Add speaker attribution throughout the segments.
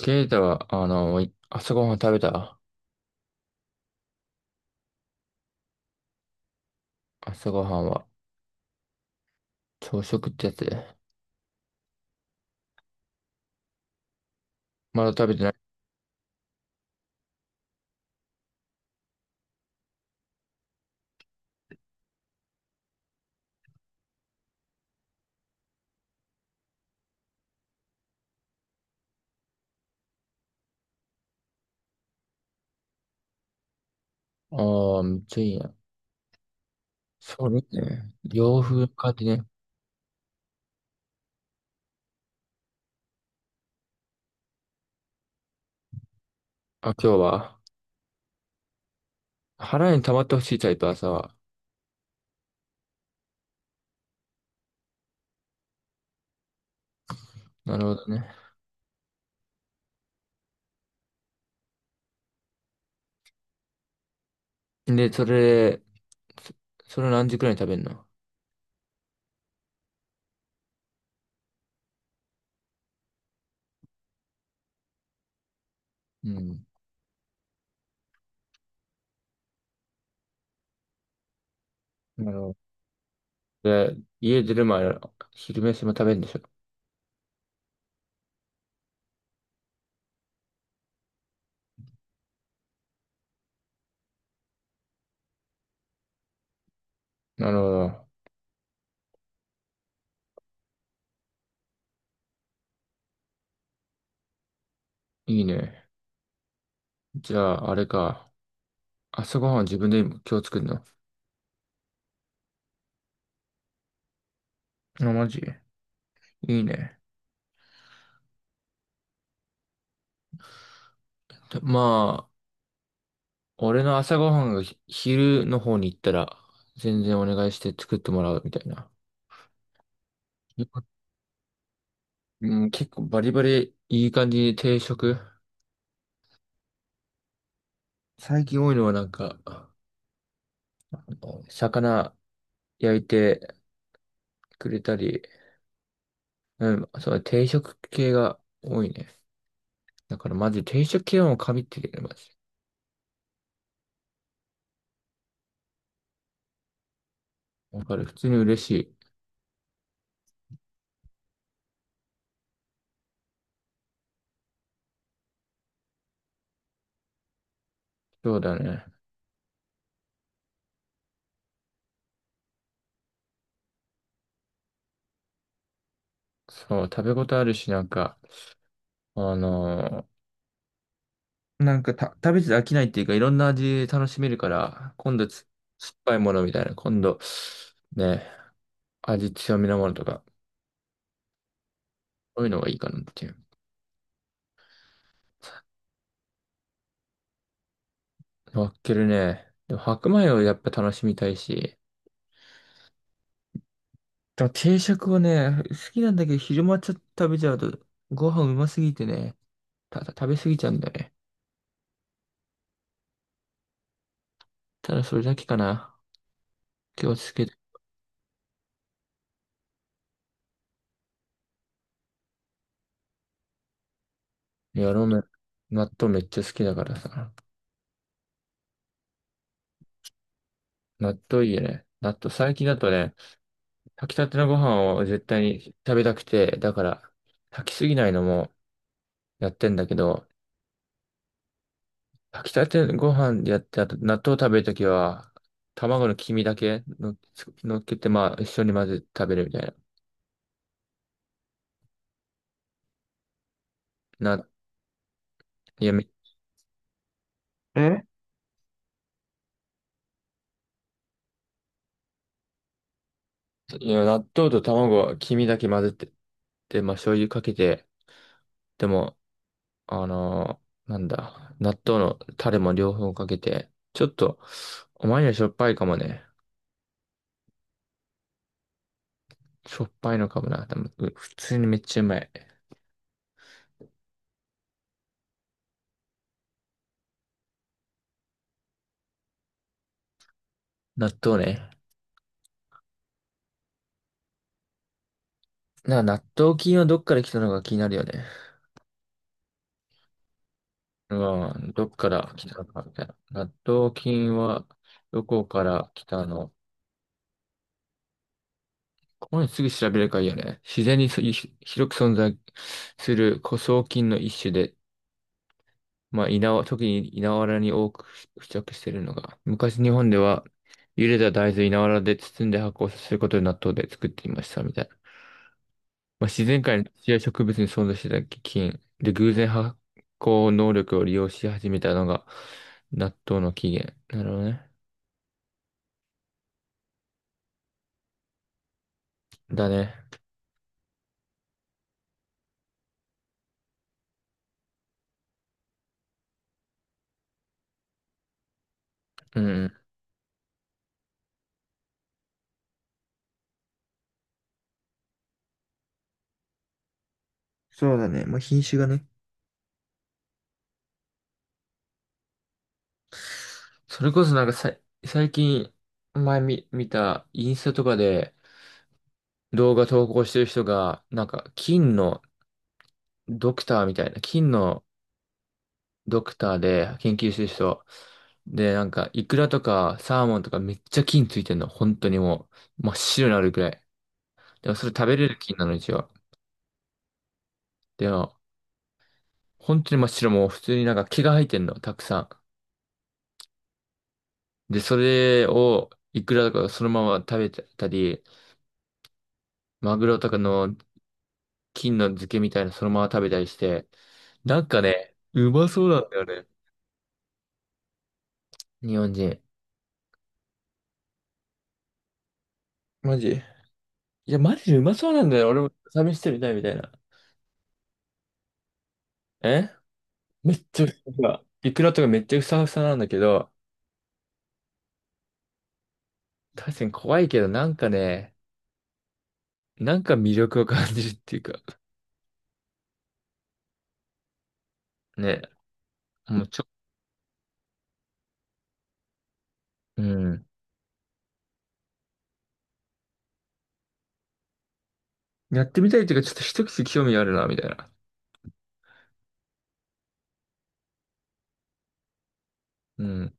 Speaker 1: ケイタは、朝ごはん食べた？朝ごはんは、朝食ってやつで。まだ食べてない。ああ、めっちゃいいな。それね、洋風の感じね。あ、今日は、腹に溜まってほしいタイプ、朝は。なるほどね。で、そ、それ何時くらいに食べるの？うん。なるほど。で、家出る前、昼飯も食べるんでしょ？なるほど。いいね。じゃあ、あれか。朝ごはんは自分で今日作るの？あ、マジ。いいね。まあ、俺の朝ごはんが昼の方に行ったら、全然お願いして作ってもらうみたいな。よかうん、結構バリバリいい感じに定食。最近多いのはなんか、あの魚焼いてくれたり、うん、そう、定食系が多いね。だからマジ定食系はもう神ってるよね、マジ。わかる。普通に嬉しい。そうだね。そう、食べ応えあるし、なんか、あのーなんか食べてて飽きないっていうか、いろんな味楽しめるから、今度酸っぱいものみたいな、今度、ね、味強めのものとか、そういうのがいいかなっていう。分けるね。でも白米をやっぱ楽しみたいし、でも定食をね、好きなんだけど、昼間ちょっと食べちゃうと、ご飯うますぎてね、食べ過ぎちゃうんだよね。ただそれだけかな。気をつけて。いや、ラーメン。納豆めっちゃ好きだからさ。納豆いいよね。納豆、最近だとね、炊きたてのご飯を絶対に食べたくて、だから、炊きすぎないのもやってんだけど、炊きたてご飯でやって、あと納豆食べるときは、卵の黄身だけの、のっけて、まあ、一緒に混ぜて食べるみたいな。いや、え、いや、納豆と卵は黄身だけ混ぜて、で、まあ、醤油かけて、でも、あのなんだ、納豆のタレも両方かけて、ちょっと、お前にはしょっぱいかもね。しょっぱいのかもな。でも、普通にめっちゃうまい。納豆ね。なんか納豆菌はどっから来たのか気になるよね。まあどっから来たのかみたいな。納豆菌はどこから来たの？ここにすぐ調べればいいよね。自然に広く存在する古草菌の一種で、まあ、特に稲わらに多く付着しているのが、昔日本では茹でた大豆を稲わらで包んで発酵させることで納豆で作っていましたみたい。まあ、自然界の土や植物に存在してた菌で偶然発酵能力を利用し始めたのが納豆の起源。なるほどね。だね。うんうん。そうだね。まあ、品種がね。それこそなんか最近見たインスタとかで動画投稿してる人が、なんか金のドクターみたいな、金のドクターで研究してる人、で、なんかイクラとかサーモンとかめっちゃ金ついてんの。本当にもう真っ白になるくらい。でもそれ食べれる菌なの、一応。でも、本当に真っ白、もう普通になんか毛が生えてんの、たくさん。で、それをイクラとかそのまま食べたり、マグロとかの菌の漬けみたいなそのまま食べたりして、なんかね、うまそうなんだよね。日本人。マジ。いや、マジでうまそうなんだよ。俺も試してみたいみたいな。えめっちゃ、イクラとかめっちゃふさふさなんだけど、確かに怖いけど、なんかね、なんか魅力を感じるっていうか、ね、もうちょ、うん。やってみたいというか、ちょっと一口興味があるな、みたいな。うん。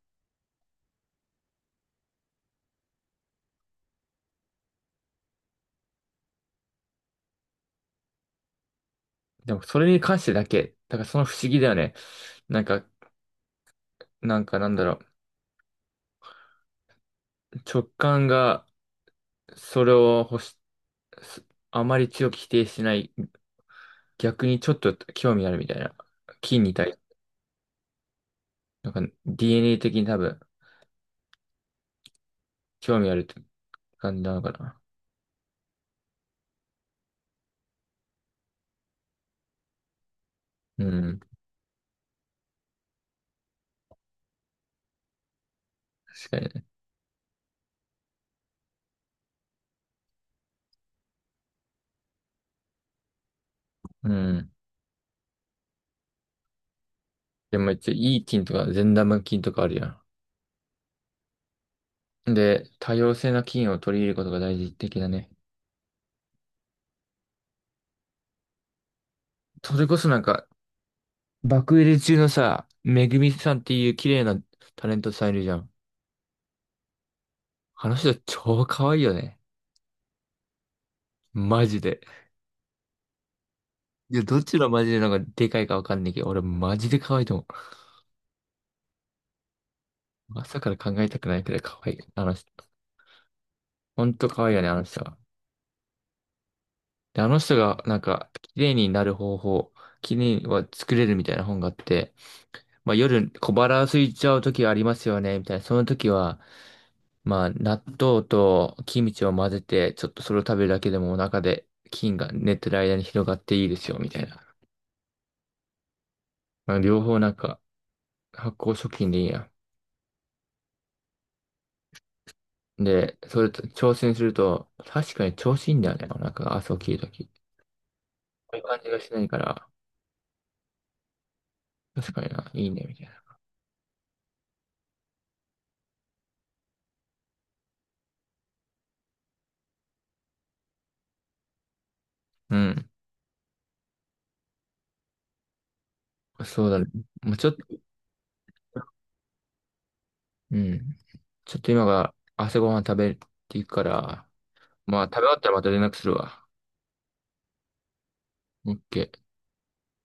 Speaker 1: でも、それに関してだけ。だから、その不思議だよね。なんか、なんか、なんだろう。直感が、それを欲し、すあまり強く否定しない。逆にちょっと興味あるみたいな。菌に対、なんか、DNA 的に多分、興味あるって感じなのかな。うん。確かにね。うん。でも、一応、いい菌とか、善玉菌とかあるやん。で、多様性な菌を取り入れることが大事的だね。それこそなんか、爆売れ中のさ、めぐみさんっていう綺麗なタレントさんいるじゃん。あの人超可愛いよね。マジで。いや、どっちのマジでなんかでかいかわかんないけど、俺マジで可愛いと思う。朝から考えたくないくらい可愛い。あの人。ほんと可愛いよね、あの人は。で、あの人がなんか、綺麗になる方法、綺麗には作れるみたいな本があって、まあ夜小腹空いちゃう時ありますよね、みたいな。その時は、まあ、納豆とキムチを混ぜて、ちょっとそれを食べるだけでもお腹で菌が寝てる間に広がっていいですよ、みたいな。まあ、両方なんか発酵食品でいいや。で、それと挑戦すると、確かに調子いいんだよね、お腹が朝起きるとき。こういう感じがしないから、確かにな、いいね、みたいな。うん。そうだね。もうちょっと、うん。ちょっと今が朝ごはん食べていくから、まあ、食べ終わったらまた連絡するわ。オッケー。